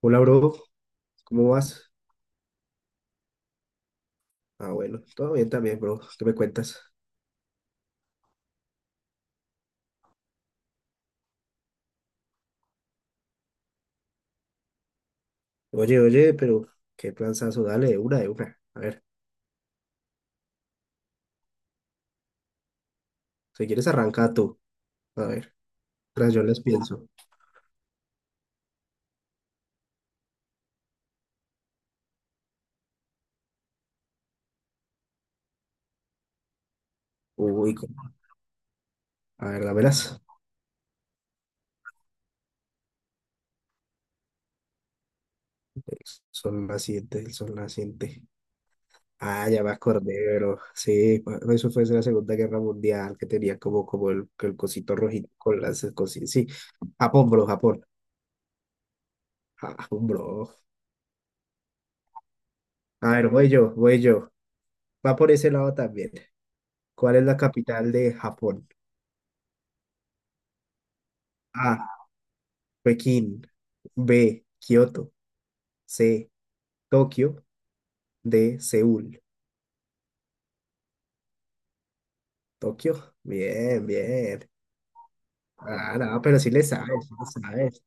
Hola, bro. ¿Cómo vas? Ah, bueno, todo bien también, bro. ¿Qué me cuentas? Oye, pero qué planzazo, dale, de una. A ver, si quieres arranca tú. A ver, mientras yo les pienso. Uy, cómo- a ver, dámelas. El sol naciente. Ah, ya me acordé, bro. Sí, eso fue en la Segunda Guerra Mundial, que tenía como, como el cosito rojito con las cositas. Sí, Japón, bro, Japón. Japón, bro. A ver, voy yo. Va por ese lado también. ¿Cuál es la capital de Japón? A. Pekín. B. Kioto. C. Tokio. D. Seúl. Tokio. Bien, bien. Ah, no, pero sí le sabes, sí le sabes.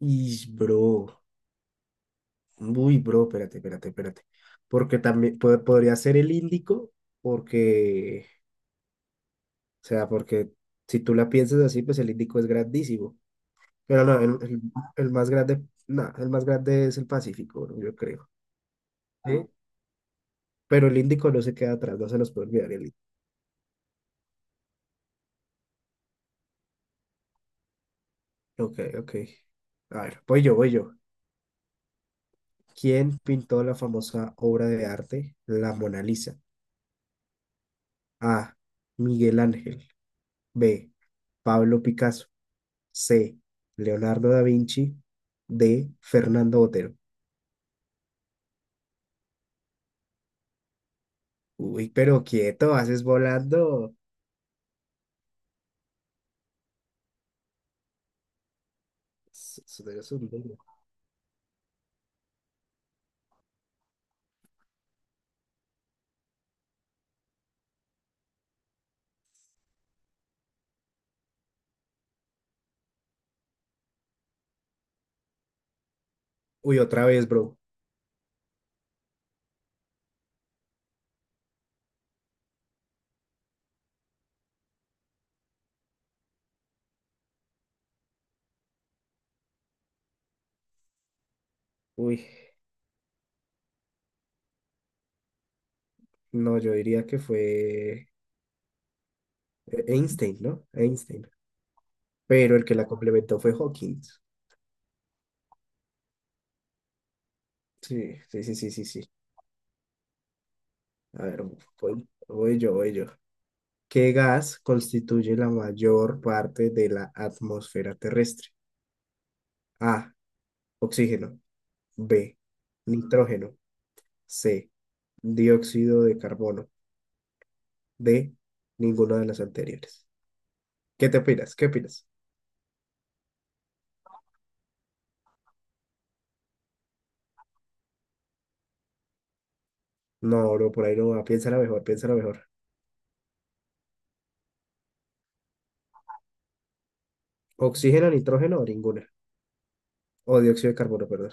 Ish, bro. Uy, bro, espérate. Porque también podría ser el Índico, porque, o sea, porque si tú la piensas así, pues el Índico es grandísimo. Pero no, el más grande, no, el más grande es el Pacífico, bro, yo creo. ¿Sí? Pero el Índico no se queda atrás, no se los puede olvidar. El ok, ok. A ver, voy yo. ¿Quién pintó la famosa obra de arte La Mona Lisa? A. Miguel Ángel. B. Pablo Picasso. C. Leonardo da Vinci. D. Fernando Botero. Uy, pero quieto, haces volando. Eres un duro. Uy, otra vez, bro. Uy, no, yo diría que fue Einstein, ¿no? Einstein. Pero el que la complementó fue Hawking. Sí, sí, sí, sí, sí, sí. A ver, voy yo. ¿Qué gas constituye la mayor parte de la atmósfera terrestre? A, oxígeno. B, nitrógeno. C, dióxido de carbono. D, ninguna de las anteriores. ¿Qué te opinas? ¿Qué opinas? No, bro, por ahí no va. Piénsala mejor, piénsala mejor. Oxígeno, nitrógeno o ninguna. O dióxido de carbono, perdón.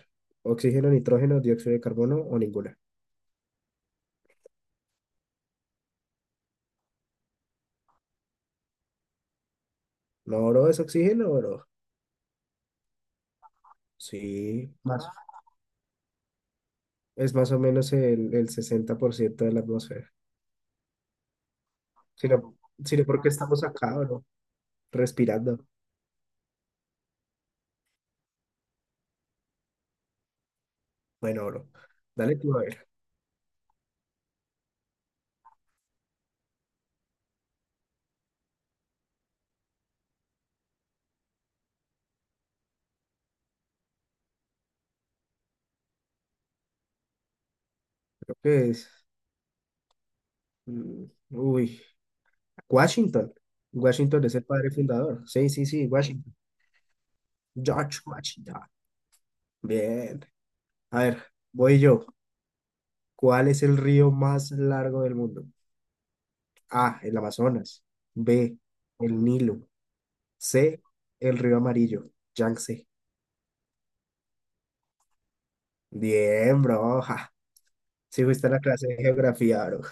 Oxígeno, nitrógeno, dióxido de carbono o ninguna. No, bro, es oxígeno, bro. Sí. ¿Más? Es más o menos el 60% de la atmósfera, sino, sino porque estamos acá, bro, respirando. Bueno, bro, dale tú a ver, creo que es, mm, uy, Washington, Washington es el padre fundador, sí, sí, sí, Washington, George Washington, bien, a ver, voy yo, ¿cuál es el río más largo del mundo? A, el Amazonas, B, el Nilo, C, el río amarillo, Yangtze, bien, bro, Sí, fuiste a la clase de geografía, bro.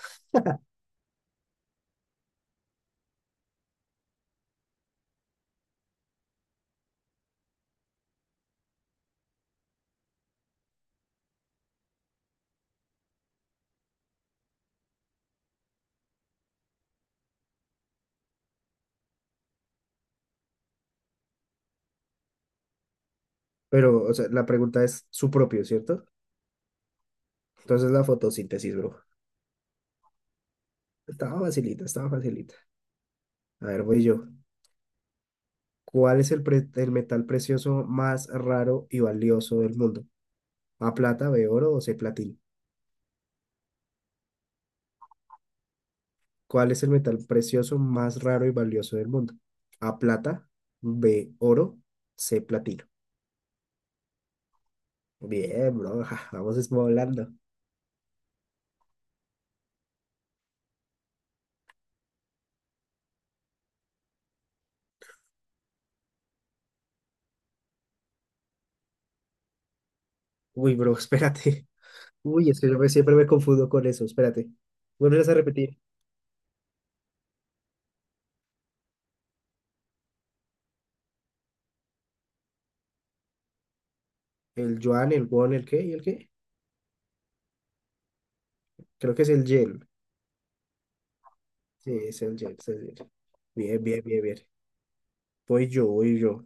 Pero, o sea, la pregunta es su propio, ¿cierto? Entonces la fotosíntesis, bro. Estaba facilita, estaba facilita. A ver, voy yo. ¿Cuál es el metal precioso más raro y valioso del mundo? ¿A plata, B oro o C platino? ¿Cuál es el metal precioso más raro y valioso del mundo? ¿A plata, B oro, C platino? Bien, bro. ja, vamos esmolando. Uy, bro, espérate. Uy, es que yo siempre me confundo con eso. Espérate. Vuelves a repetir. El yuan, el won, el qué y el qué. Creo que es el yen. Sí, es el yen, es el yen. Bien, bien, bien, bien. Voy yo, voy yo.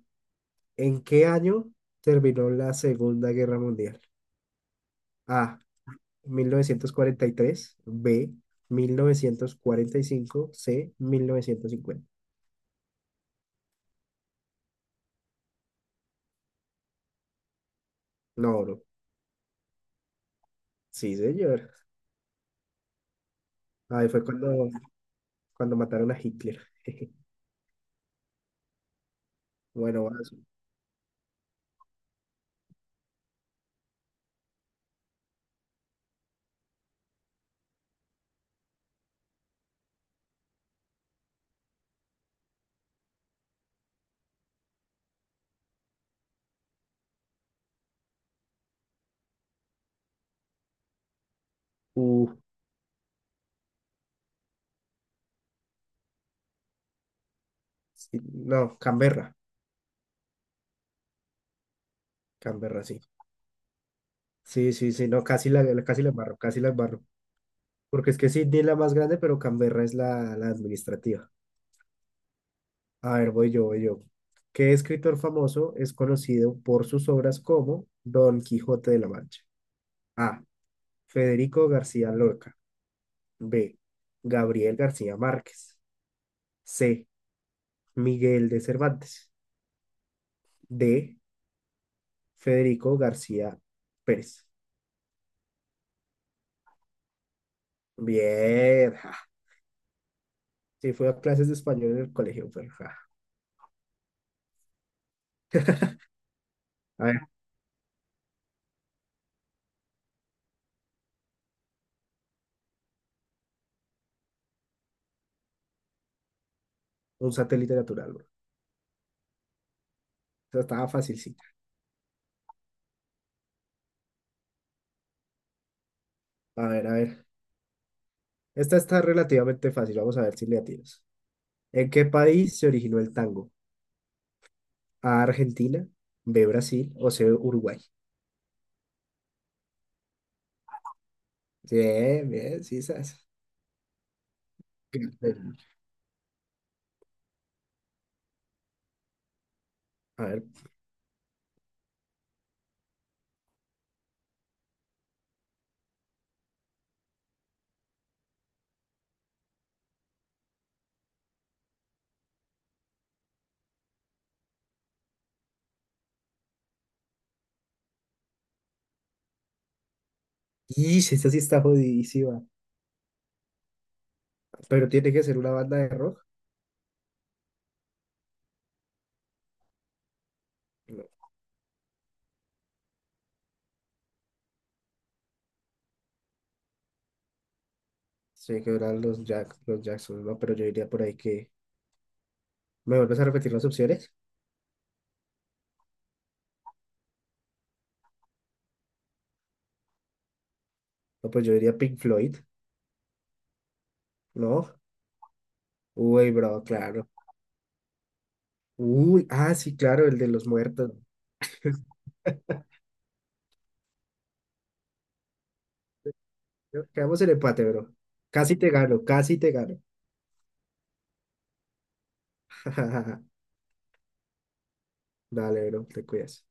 ¿En qué año terminó la Segunda Guerra Mundial? A, 1943. B, 1945. C, 1950. No, bro. Sí, señor. Ahí fue cuando, cuando mataron a Hitler. Bueno, vas. Uh, sí, no, Canberra. Canberra, sí. Sí, sí, sí, no, casi la embarro. Porque es que Sydney es la más grande, pero Canberra es la administrativa. A ver, voy yo. ¿Qué escritor famoso es conocido por sus obras como Don Quijote de la Mancha? A. Federico García Lorca. B. Gabriel García Márquez. C. Miguel de Cervantes. D. Federico García Pérez. Bien. Ja. Sí, fui a clases de español en el colegio, pero ja. A ver, un satélite natural, bro. Esa estaba facilita. A ver, a ver. Esta está relativamente fácil, vamos a ver si le atinas. ¿En qué país se originó el tango? ¿A Argentina, B Brasil o C Uruguay? Bien, bien, sí, sabes. A ver, y si esta sí está jodidísima, pero tiene que ser una banda de rock. No, sé que eran los, Jack, los Jackson, no, pero yo diría por ahí que. ¿Me vuelves a repetir las opciones? No, pues yo diría Pink Floyd, ¿no? Uy, bro, claro. Uy, ah, sí, claro, el de los muertos. Quedamos en empate, bro. Casi te gano, casi te gano. Dale, bro, te cuidas.